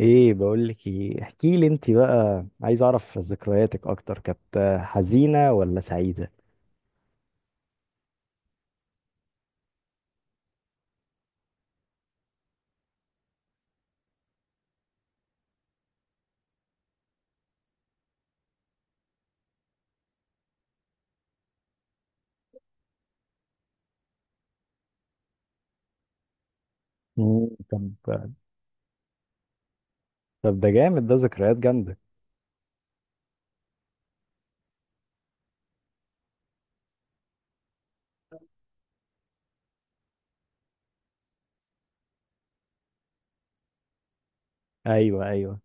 ايه بقول لك ايه؟ احكي لي انت بقى، عايز اعرف ذكرياتك اكتر، كانت حزينة ولا سعيدة؟ طب، طب ده جامد، ده ذكريات جامدة. ايوه، ايوه.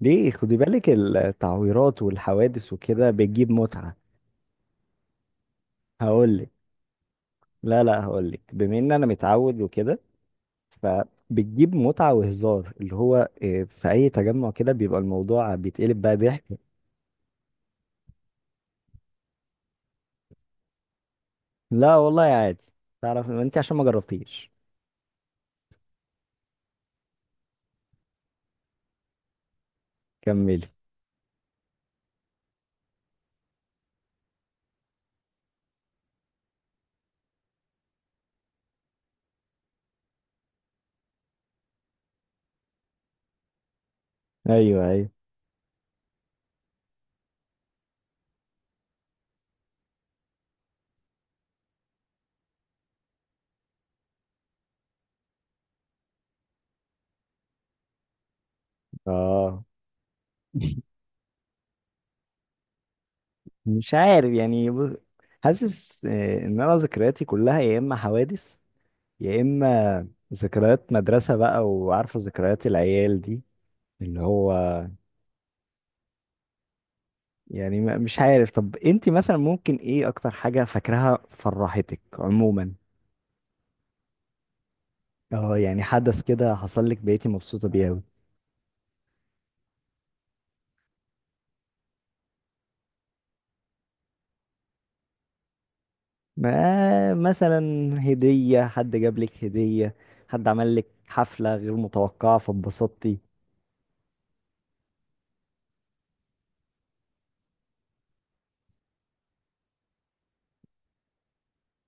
ليه؟ خدي بالك، التعويرات والحوادث وكده بتجيب متعة. هقول لك، لا لا، هقول لك بما ان انا متعود وكده، فبتجيب متعة وهزار اللي هو في اي تجمع كده بيبقى الموضوع بيتقلب بقى ضحك. لا والله، عادي. تعرف انت عشان ما جربتيش. كملي. ايوه، ايوه. اه. مش عارف يعني حاسس ان انا ذكرياتي كلها، يا اما حوادث، يا اما ذكريات مدرسة بقى، وعارفة ذكريات العيال دي اللي هو يعني مش عارف. طب انت مثلا ممكن ايه اكتر حاجة فاكراها، فرحتك عموما؟ اه يعني حدث كده حصل لك بقيتي مبسوطة بيه اوي؟ ما مثلا هدية، حد جاب لك هدية، حد عمل لك حفلة غير متوقعة فاتبسطتي؟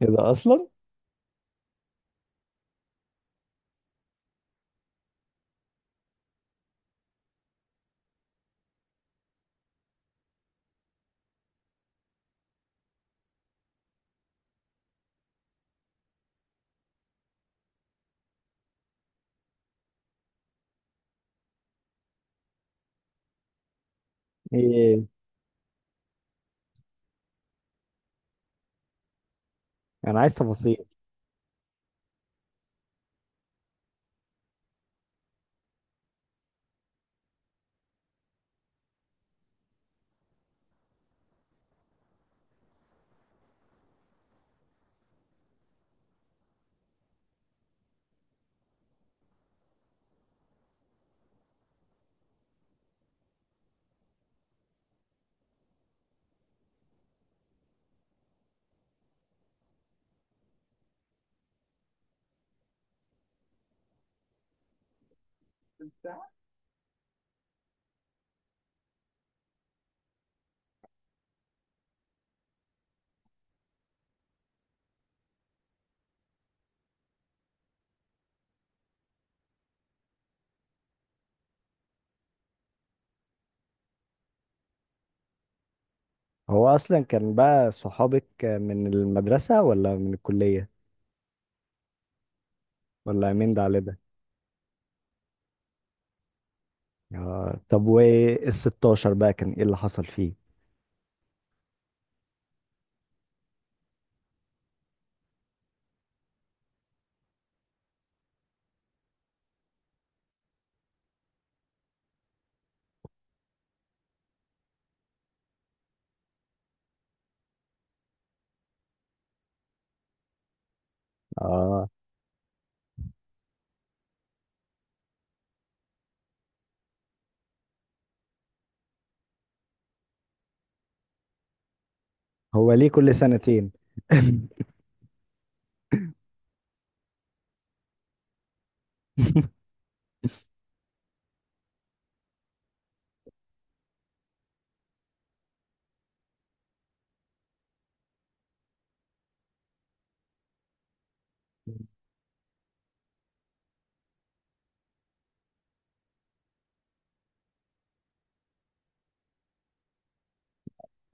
كده اصلا. ايه؟ انا عايز تفاصيل. هو اصلا كان بقى صحابك من المدرسة ولا من الكلية؟ ولا من ده على ده؟ آه، طب وال 16 بقى كان ايه اللي حصل فيه؟ اه. هو ليه كل سنتين؟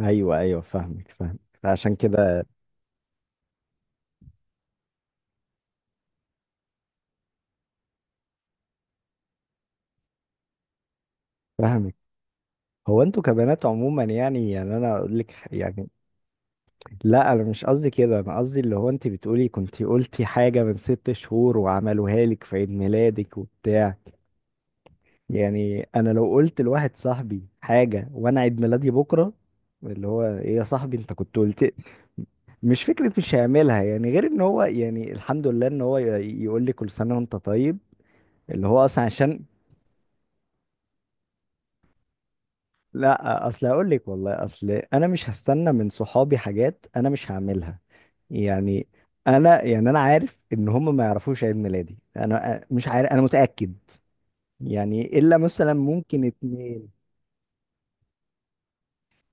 ايوه، ايوه، فاهمك فاهمك، فعشان كده. فاهمك. هو انتوا كبنات عموما يعني، يعني انا اقول لك يعني، لا انا مش قصدي كده، انا قصدي اللي هو انت بتقولي كنت قلتي حاجه من 6 شهور وعملوها لك في عيد ميلادك وبتاع. يعني انا لو قلت لواحد صاحبي حاجه وانا عيد ميلادي بكره، اللي هو ايه يا صاحبي انت كنت قلت، مش فكره مش هيعملها. يعني غير ان هو، يعني الحمد لله، ان هو يقول لي كل سنه وانت طيب. اللي هو اصلا عشان لا، اصل هقول لك والله، اصل انا مش هستنى من صحابي حاجات انا مش هعملها. يعني، انا يعني انا عارف ان هم ما يعرفوش عيد ميلادي. انا مش عارف، انا متاكد يعني الا مثلا ممكن 2.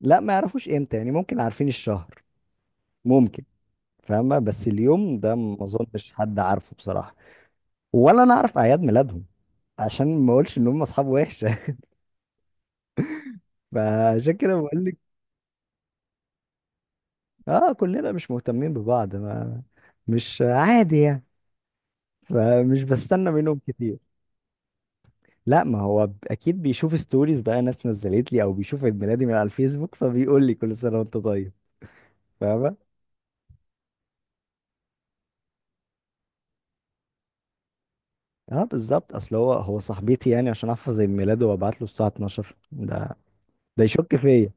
لا، ما يعرفوش امتى، يعني ممكن عارفين الشهر. ممكن. فاهمة؟ بس اليوم ده ما اظنش حد عارفه بصراحة. ولا انا اعرف اعياد ميلادهم، عشان ما اقولش ان هم اصحاب وحشة. فعشان كده بقول لك. اه كلنا مش مهتمين ببعض، ما مش عادي يعني، فمش بستنى منهم كتير. لا، ما هو اكيد بيشوف ستوريز بقى ناس نزلت لي، او بيشوف عيد ميلادي من على الفيسبوك، فبيقول لي كل سنة وانت طيب. فاهمة. اه بالظبط، اصل هو صاحبتي، يعني عشان احفظ عيد ميلاده وابعت له الساعة 12، ده يشك فيا.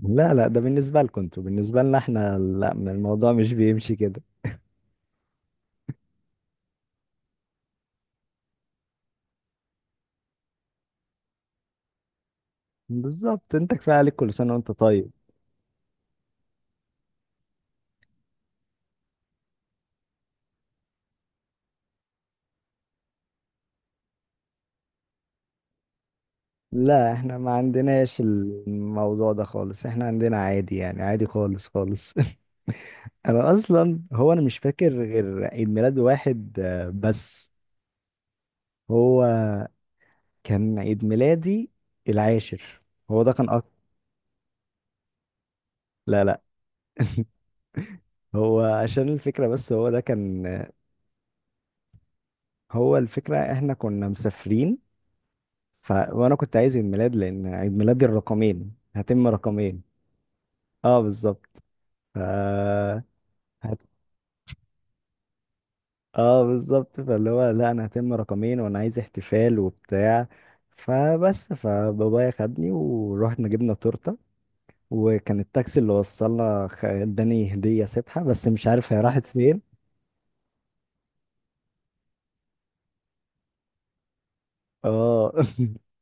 لا لا، ده بالنسبة لكم انتوا، بالنسبة لنا احنا لا، من الموضوع مش بيمشي كده. بالظبط، انت كفاية عليك كل سنة وانت طيب. لا احنا ما عندناش الموضوع ده خالص، احنا عندنا عادي يعني، عادي خالص خالص. انا اصلا، هو انا مش فاكر غير عيد ميلاد واحد بس. هو كان عيد ميلادي العاشر، هو ده كان اكتر. لا لا، هو عشان الفكرة بس، هو ده كان. هو الفكرة احنا كنا مسافرين، وانا كنت عايز عيد ميلاد لان عيد ميلادي الرقمين، هتم رقمين. اه بالظبط. ف هت... اه بالظبط، فاللي هو لا انا هتم رقمين وانا عايز احتفال وبتاع، فبس فبابايا خدني ورحنا جبنا تورته. وكان التاكسي اللي وصلنا اداني هديه سبحه، بس مش عارف هي راحت فين. اه.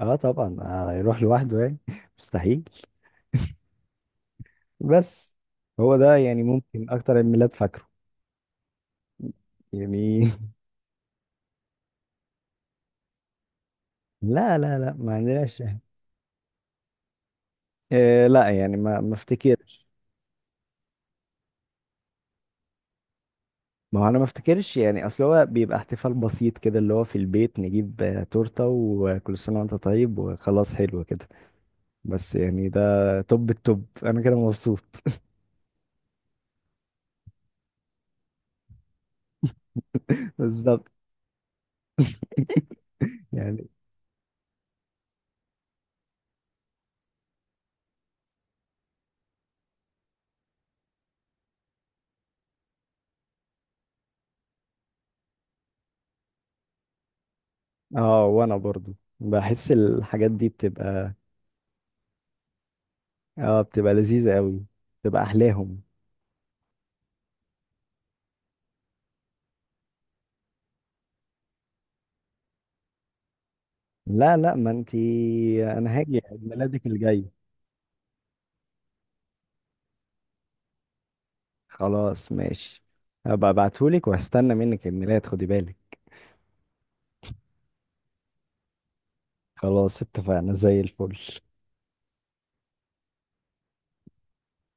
اه طبعا، يروح لوحده يعني، مستحيل. بس هو ده يعني ممكن اكتر عيد ميلاد فاكره يعني. لا لا لا، ما عندناش. إيه؟ لا يعني ما افتكرش. ما هو انا ما افتكرش، يعني اصل هو بيبقى احتفال بسيط كده اللي هو في البيت، نجيب تورته وكل سنه وانت طيب وخلاص، حلو كده. بس يعني ده توب التوب، انا كده مبسوط. بالظبط يعني. اه وانا برضو بحس الحاجات دي بتبقى، اه بتبقى لذيذه قوي، بتبقى احلاهم. لا لا، ما انتي. انا هاجي عيد ميلادك الجاي. خلاص ماشي، هبقى ابعتهولك وهستنى منك الميلاد، خدي بالك. خلاص اتفقنا زي الفل.